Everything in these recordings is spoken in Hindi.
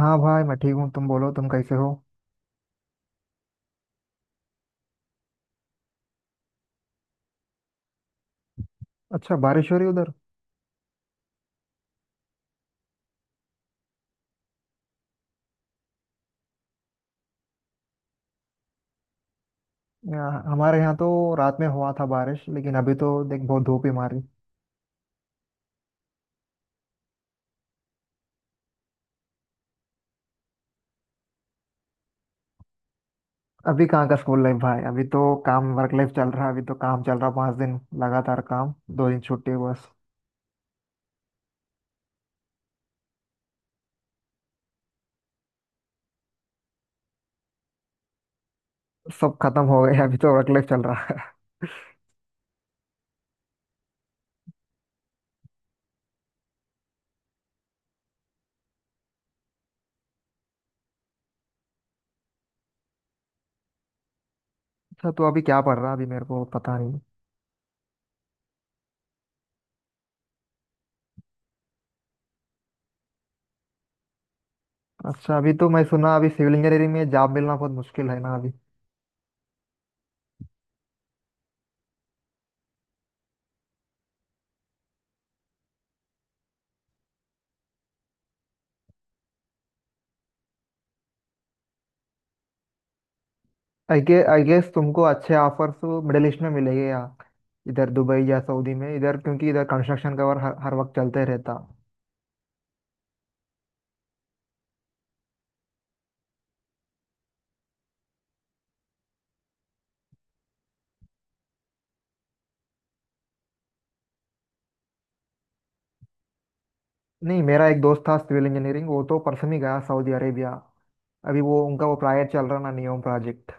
हाँ भाई, मैं ठीक हूँ। तुम बोलो, तुम कैसे हो? अच्छा, बारिश हो रही उधर? यहाँ हमारे यहाँ तो रात में हुआ था बारिश, लेकिन अभी तो देख बहुत धूप ही मारी। अभी कहाँ का स्कूल लाइफ भाई, अभी तो काम वर्क लाइफ चल रहा है। अभी तो काम चल रहा, 5 दिन लगातार काम, 2 दिन छुट्टी बस। सब खत्म हो गया, अभी तो वर्क लाइफ चल रहा है। अच्छा, तो अभी क्या पढ़ रहा है? अभी मेरे को पता नहीं। अच्छा, अभी तो मैं सुना अभी सिविल इंजीनियरिंग में जॉब मिलना बहुत मुश्किल है ना अभी। आई गेस तुमको अच्छे ऑफर्स मिडिल ईस्ट में मिलेंगे। यहाँ इधर दुबई या सऊदी में, इधर क्योंकि इधर कंस्ट्रक्शन का वर्क हर वक्त चलते रहता। नहीं, मेरा एक दोस्त था सिविल इंजीनियरिंग, वो तो परसों ही गया सऊदी अरेबिया। अभी वो उनका वो प्रोजेक्ट चल रहा ना, नियोम प्रोजेक्ट।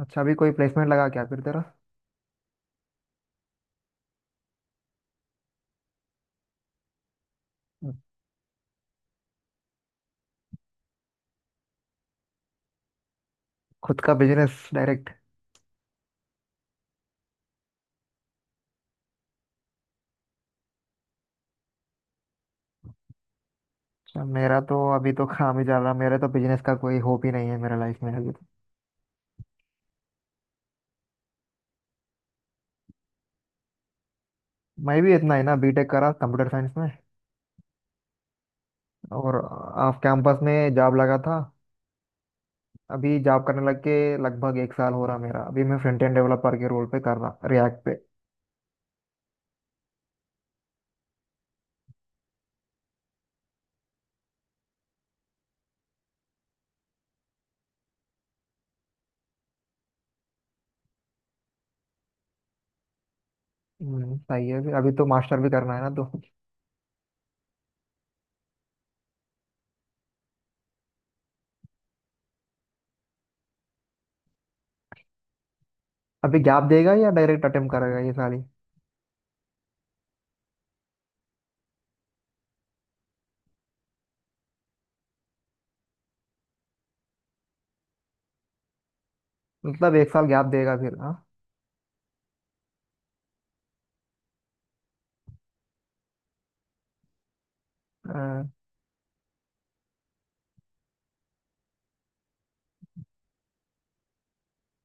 अच्छा, अभी कोई प्लेसमेंट लगा क्या फिर तेरा? खुद का बिजनेस डायरेक्ट? अच्छा, मेरा तो अभी तो काम ही चल रहा, मेरा तो बिजनेस का कोई होप ही नहीं है मेरा लाइफ में अभी तो। मैं भी इतना ही ना, बीटेक करा कंप्यूटर साइंस में। और ऑफ कैंपस में जॉब लगा था। अभी जॉब करने लग के लगभग एक साल हो रहा मेरा। अभी मैं फ्रंट एंड डेवलपर के रोल पे कर रहा रिएक्ट पे। सही है। अभी अभी तो मास्टर भी करना है ना तो। अभी गैप देगा या डायरेक्ट अटेम्प्ट करेगा ये साल ही? मतलब एक साल गैप देगा फिर, हाँ? अ,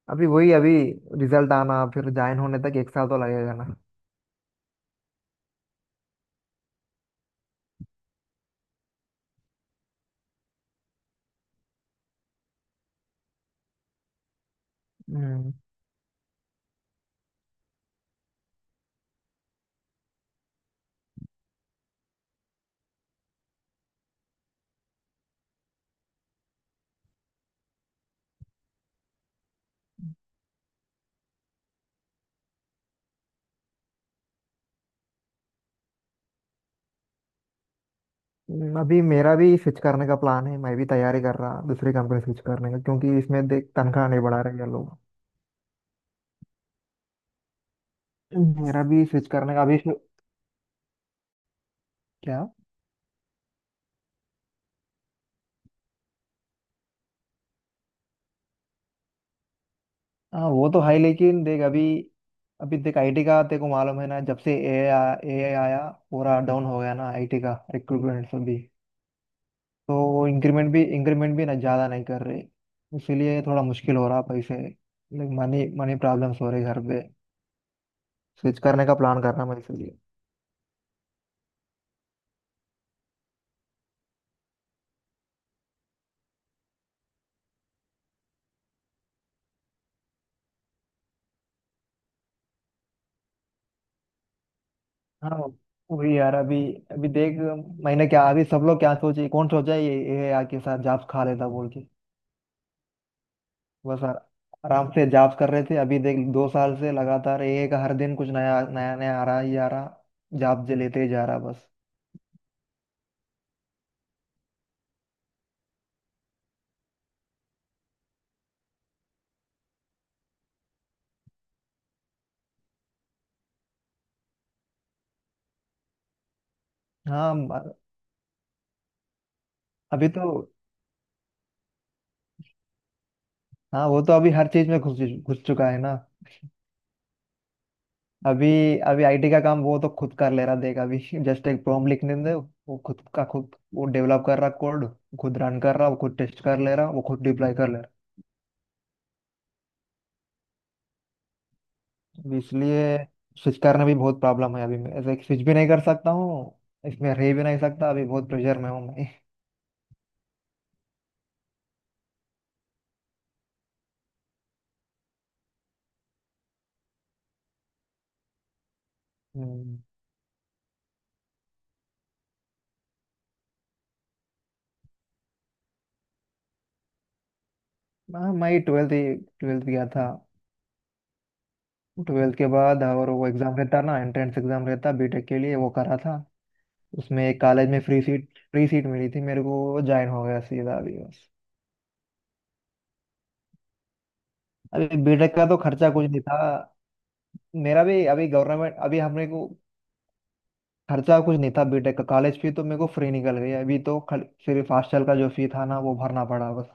अभी वही, अभी रिजल्ट आना फिर ज्वाइन होने तक एक साल तो लगेगा ना। हम्म, अभी मेरा भी स्विच करने का प्लान है। मैं भी तैयारी कर रहा दूसरी कंपनी स्विच करने का, क्योंकि इसमें देख तनख्वाह नहीं बढ़ा रहे ये लोग। मेरा भी स्विच करने का अभी शु- क्या? हाँ, वो तो है लेकिन देख अभी। अभी देख आईटी का, तेरे को मालूम है ना जब से ए आई आया। पूरा डाउन हो गया ना आईटी का रिक्रूटमेंट सब भी। तो वो इंक्रीमेंट भी ना ज़्यादा नहीं कर रहे। इसीलिए थोड़ा मुश्किल हो रहा पैसे, लाइक मनी मनी प्रॉब्लम्स हो रही घर पे। स्विच करने का प्लान कर रहा मैं इसीलिए। हाँ, वही यार अभी। अभी देख, मैंने क्या, अभी सब लोग क्या सोचे, कौन सोचा ये ए आई के साथ जॉब्स खा लेता बोल के। बस आराम से जॉब कर रहे थे। अभी देख 2 साल से लगातार एक हर दिन कुछ नया नया नया आ रहा ही आ रहा। जॉब जे लेते ही जा रहा बस। हाँ म-। अभी तो। हाँ वो तो अभी हर चीज में घुस घुस चुका है ना। अभी। अभी आईटी का काम वो तो खुद कर ले रहा देख अभी। जस्ट एक प्रॉम्प्ट लिखने दे, वो खुद का खुद वो डेवलप कर रहा कोड। खुद रन कर रहा, वो खुद टेस्ट कर ले रहा, वो खुद डिप्लॉय कर ले रहा। अभी इसलिए स्विच करना भी बहुत प्रॉब्लम है, अभी मैं ऐसे स्विच भी नहीं कर सकता हूँ। इसमें रह भी नहीं सकता, अभी बहुत प्रेशर में हूँ मैं। हम्म। हाँ, मैं ट्वेल्थ ट्वेल्थ गया था। ट्वेल्थ के बाद, और वो एग्ज़ाम रहता ना, एंट्रेंस एग्ज़ाम रहता बीटेक के लिए, वो करा था। उसमें एक कॉलेज में फ्री सीट मिली थी मेरे को, ज्वाइन हो गया सीधा अभी बस। अभी बीटेक का तो खर्चा कुछ नहीं था। मेरा भी अभी गवर्नमेंट, अभी हमने को खर्चा कुछ नहीं था बीटेक का। कॉलेज फी तो मेरे को फ्री निकल गई, अभी तो सिर्फ हॉस्टल का जो फी था ना वो भरना पड़ा बस।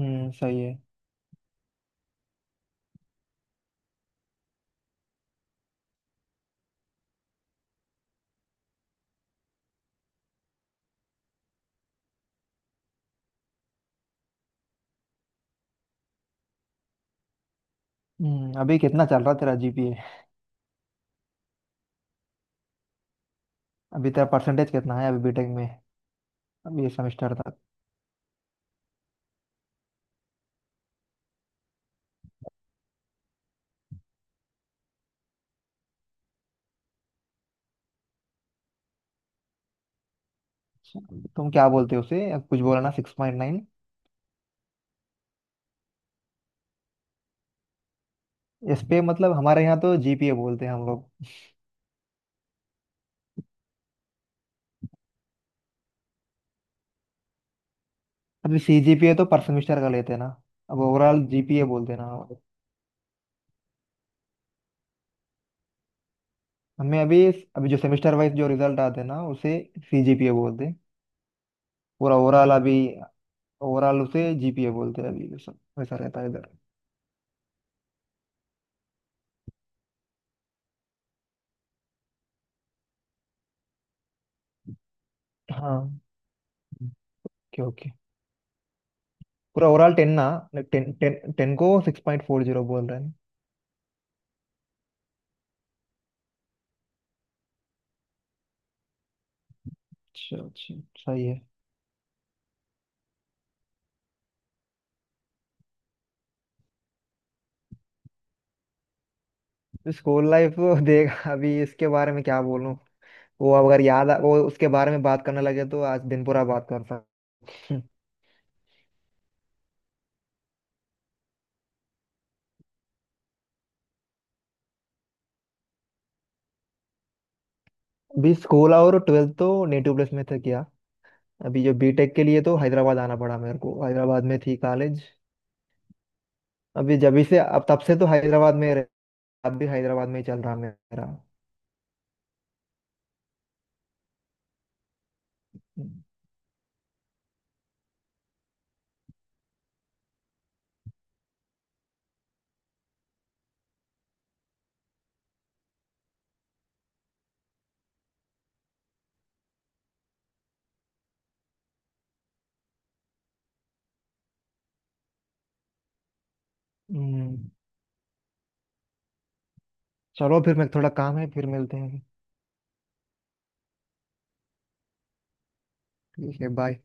हम्म, सही है। अभी कितना चल रहा तेरा जीपीए? अभी तेरा परसेंटेज कितना है अभी बीटेक में? अभी ये सेमेस्टर? तुम क्या बोलते हो उसे, कुछ बोला ना, 6.9? इस पे मतलब हमारे यहाँ तो जीपीए बोलते हैं हम लोग। अभी सी जीपीए तो पर सेमेस्टर का लेते हैं ना। अब ओवरऑल जीपीए बोलते हैं ना। हमें अभी, अभी जो सेमेस्टर वाइज जो रिजल्ट आते हैं ना उसे सी जीपीए बोलते हैं। पूरा ओवरऑल अभी, ओवरऑल उसे जीपीए बोलते हैं अभी। वैसा वैसा रहता है इधर। हाँ, ओके, ओके। पूरा ओवरऑल टेन ना, टेन टेन टेन को 6.40 बोल रहे हैं। अच्छा अच्छा, सही है। School life? देख अभी इसके बारे में क्या बोलूं। वो अगर याद आ- वो उसके बारे में बात करने लगे तो आज दिन पूरा बात कर सकते हैं। अभी स्कूल और ट्वेल्थ तो नेटिव प्लेस में था किया। अभी जो बीटेक के लिए तो हैदराबाद आना पड़ा मेरे को, हैदराबाद में थी कॉलेज। अभी जब से अब तब से तो हैदराबाद में अब भी हैदराबाद में ही चल रहा मेरा। हम्म, चलो, फिर मैं, थोड़ा काम है, फिर मिलते हैं। ठीक है, बाय।